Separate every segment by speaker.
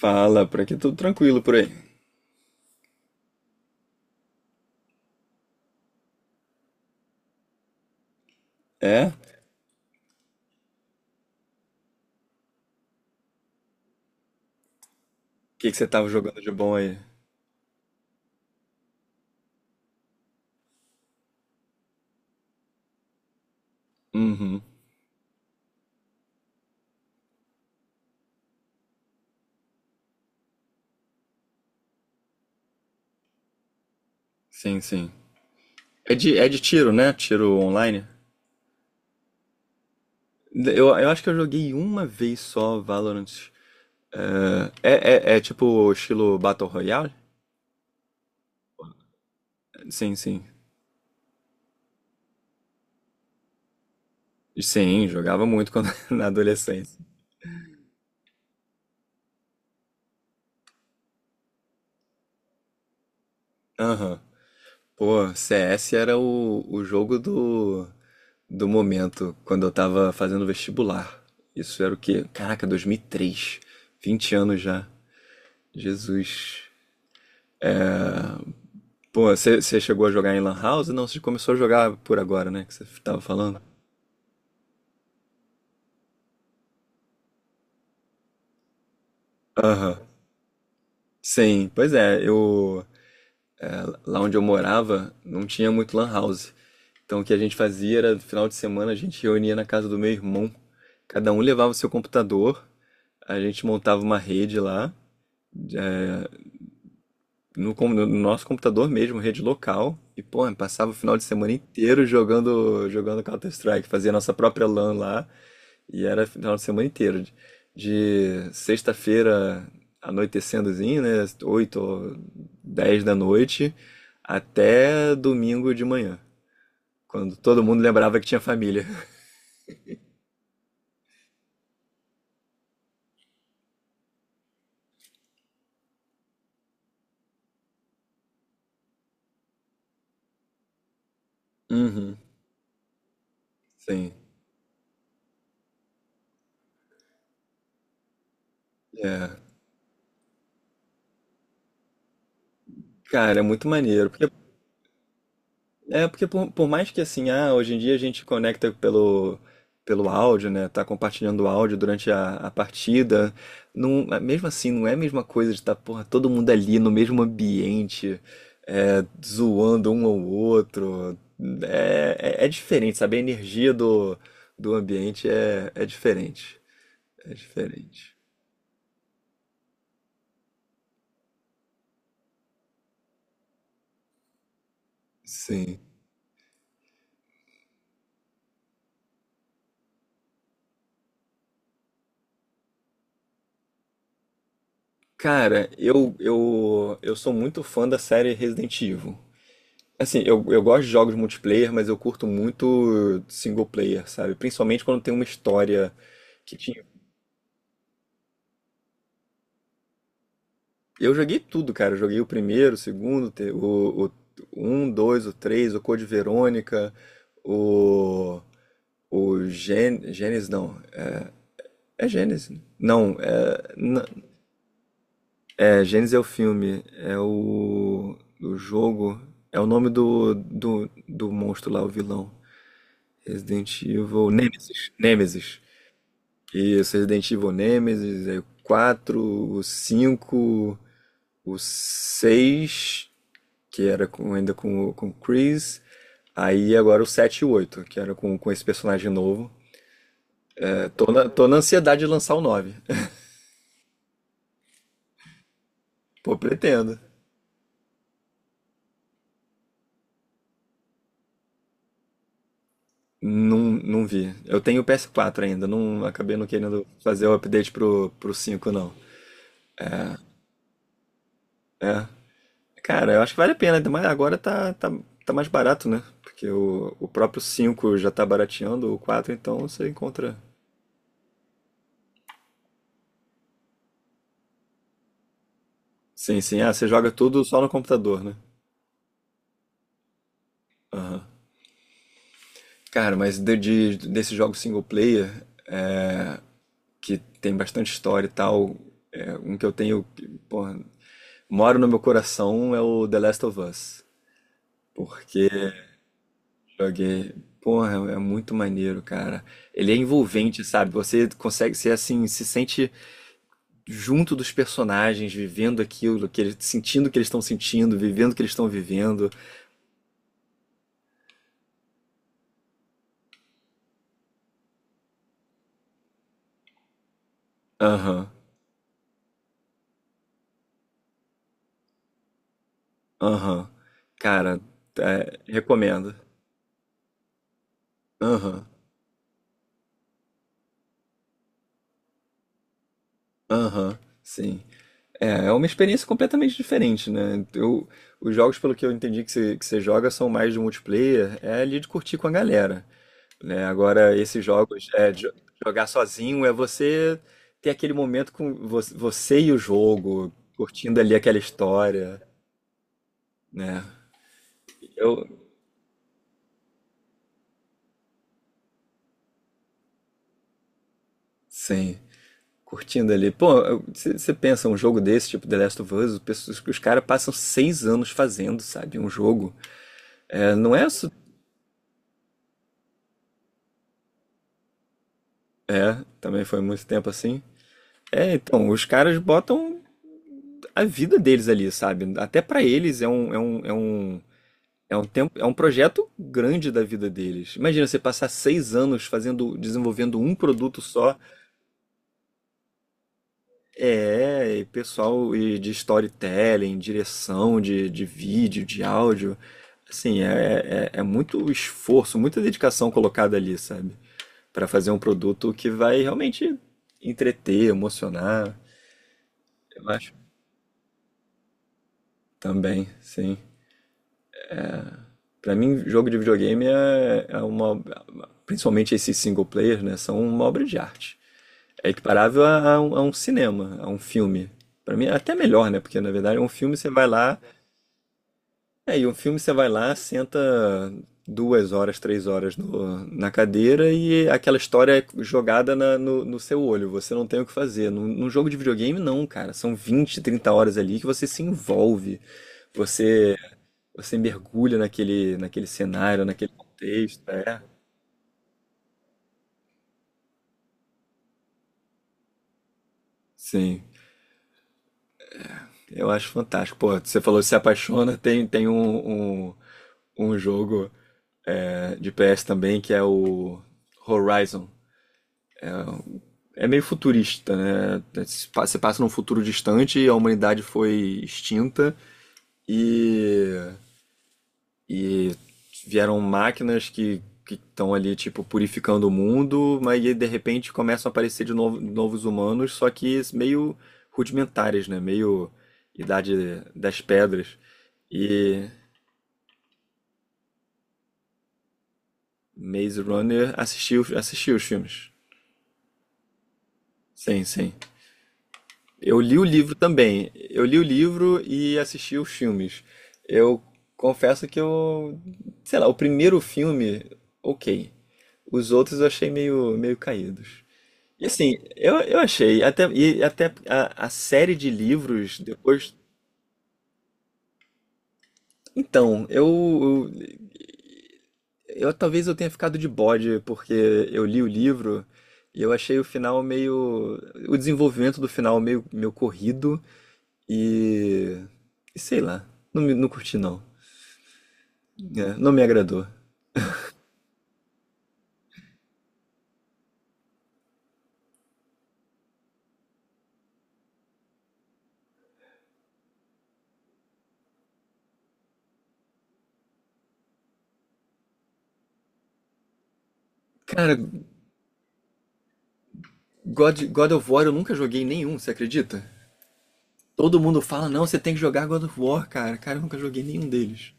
Speaker 1: Fala, por aqui tudo tranquilo por aí. É? O que você tava jogando de bom aí? Uhum. Sim. É de tiro, né? Tiro online. Eu acho que eu joguei uma vez só Valorant. É tipo estilo Battle Royale? Sim. Sim, jogava muito quando, na adolescência. Aham. Pô, CS era o jogo do momento, quando eu tava fazendo vestibular. Isso era o quê? Caraca, 2003. 20 anos já. Jesus. Pô, você chegou a jogar em Lan House? Não, você começou a jogar por agora, né? Que você tava falando. Aham. Sim, pois é, eu. Lá onde eu morava, não tinha muito Lan House. Então o que a gente fazia era, no final de semana, a gente reunia na casa do meu irmão. Cada um levava o seu computador, a gente montava uma rede lá, já- no nosso computador mesmo, rede local. E, pô, passava o final de semana inteiro jogando, jogando Counter-Strike. Fazia nossa própria LAN lá. E era final de semana inteiro, de sexta-feira anoitecendozinho, né, 8 ou 10 da noite, até domingo de manhã, quando todo mundo lembrava que tinha família. Uhum, sim. É. Cara, é muito maneiro. Porque é, porque por mais que assim, ah, hoje em dia a gente conecta pelo, pelo áudio, né? Tá compartilhando o áudio durante a partida. Não, é, mesmo assim, não é a mesma coisa de estar, porra, todo mundo ali no mesmo ambiente, é, zoando um ao outro. É diferente, sabe? A energia do, do ambiente é diferente. É diferente. Sim. Cara, eu sou muito fã da série Resident Evil. Assim, eu gosto de jogos multiplayer, mas eu curto muito single player, sabe? Principalmente quando tem uma história que tinha. Eu joguei tudo, cara. Eu joguei o primeiro, o segundo, o um, dois, o três, o Code Verônica, o. O Gen... Gênesis, não. É Gênesis? Não, é. N- É, Gênesis é o filme. É o. O jogo. É o nome do monstro lá, o vilão. Resident Evil. Nemesis. Nemesis. Isso, Resident Evil Nemesis, aí o 4, o 5, o 6, que era ainda com o Chris. Aí agora o 7 e o 8 que era com esse personagem novo. É, tô na ansiedade de lançar o nove. Pô, pretendo. Não, não vi. Eu tenho o PS4 ainda, não acabei não querendo fazer o update pro, pro 5 não. É. Cara, eu acho que vale a pena, ainda mais agora tá mais barato, né? Porque o próprio 5 já tá barateando, o 4, então você encontra. Sim. Ah, você joga tudo só no computador, né? Aham. Cara, mas desse jogo single player, é, que tem bastante história e tal, é, um que eu tenho, que, porra, moro no meu coração é o The Last of Us. Porque joguei. Porra, é muito maneiro, cara. Ele é envolvente, sabe? Você consegue ser assim, se sente junto dos personagens, vivendo aquilo, que eles, sentindo o que eles estão sentindo, vivendo o que eles estão vivendo. Aham. Aham. Cara, é, recomendo. Aham. Aham. Sim. É, é uma experiência completamente diferente, né? Eu, os jogos, pelo que eu entendi que você joga, são mais de multiplayer, é ali de curtir com a galera, né? Agora, esses jogos, é, jogar sozinho é você ter aquele momento com você e o jogo, curtindo ali aquela história, né? Eu, sim. Curtindo ali. Pô, você pensa, um jogo desse, tipo The Last of Us, os caras passam 6 anos fazendo, sabe? Um jogo. É, não é. Isso é, também foi muito tempo assim. É, então, os caras botam a vida deles ali, sabe? Até pra eles é um tempo, é um projeto grande da vida deles. Imagina você passar 6 anos fazendo, desenvolvendo um produto só é, e pessoal e de storytelling, direção de vídeo, de áudio, assim, é muito esforço, muita dedicação colocada ali, sabe? Pra fazer um produto que vai realmente entreter, emocionar, eu acho. Também, sim. Pra mim, jogo de videogame é uma, principalmente esses single players, né, são uma obra de arte. É equiparável a um cinema, a um filme. Pra mim, é até melhor, né? Porque na verdade, um filme você vai lá é, e um filme você vai lá, senta 2 horas, 3 horas na cadeira e aquela história é jogada no seu olho. Você não tem o que fazer. Num jogo de videogame, não, cara. São 20, 30 horas ali que você se envolve. Você, você mergulha naquele, naquele cenário, naquele contexto. É. Sim, eu acho fantástico. Pô, você falou que se apaixona, tem um, um, um jogo é, de PS também que é o Horizon. É meio futurista, né? Você passa num futuro distante, a humanidade foi extinta e, e vieram máquinas que estão ali, tipo, purificando o mundo, mas aí, de repente começam a aparecer de novo, novos humanos, só que meio rudimentares, né? Meio Idade das Pedras. E Maze Runner assistiu, assistiu os filmes. Sim, sim. Eu li o livro também. Eu li o livro e assisti os filmes. Eu confesso que eu, sei lá, o primeiro filme, ok. Os outros eu achei meio, meio caídos. E assim, eu achei, até, e até a série de livros depois. Então, eu eu talvez eu tenha ficado de bode porque eu li o livro e eu achei o final meio, o desenvolvimento do final meio corrido e, e sei lá, não curti não, é, não me agradou. Cara, God of War eu nunca joguei nenhum, você acredita? Todo mundo fala, não, você tem que jogar God of War, cara. Cara, eu nunca joguei nenhum deles.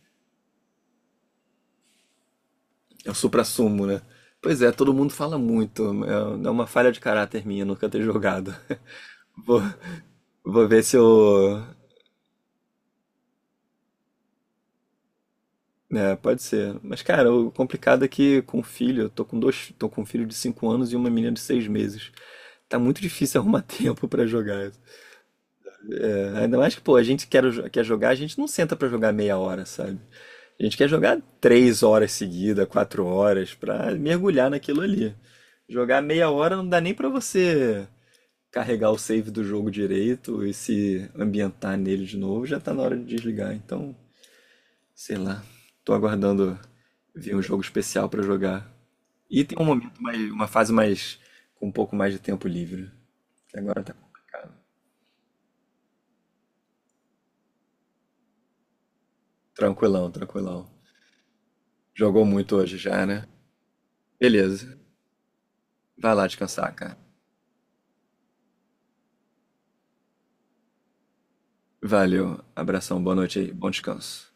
Speaker 1: É o suprassumo, né? Pois é, todo mundo fala muito. É uma falha de caráter minha nunca ter jogado. Vou, vou ver se eu. É, pode ser. Mas, cara, o complicado é que com filho, eu tô com dois, tô com um filho de 5 anos e uma menina de 6 meses. Tá muito difícil arrumar tempo pra jogar. É, ainda mais que, pô, a gente quer, quer jogar, a gente não senta pra jogar 1/2 hora, sabe? A gente quer jogar 3 horas seguidas, 4 horas, pra mergulhar naquilo ali. Jogar meia hora não dá nem pra você carregar o save do jogo direito e se ambientar nele de novo, já tá na hora de desligar. Então, sei lá. Tô aguardando vir um jogo especial pra jogar. E tem um momento mais, uma fase mais com um pouco mais de tempo livre. Que agora tá complicado. Tranquilão, tranquilão. Jogou muito hoje já, né? Beleza. Vai lá descansar, cara. Valeu. Abração, boa noite aí. Bom descanso.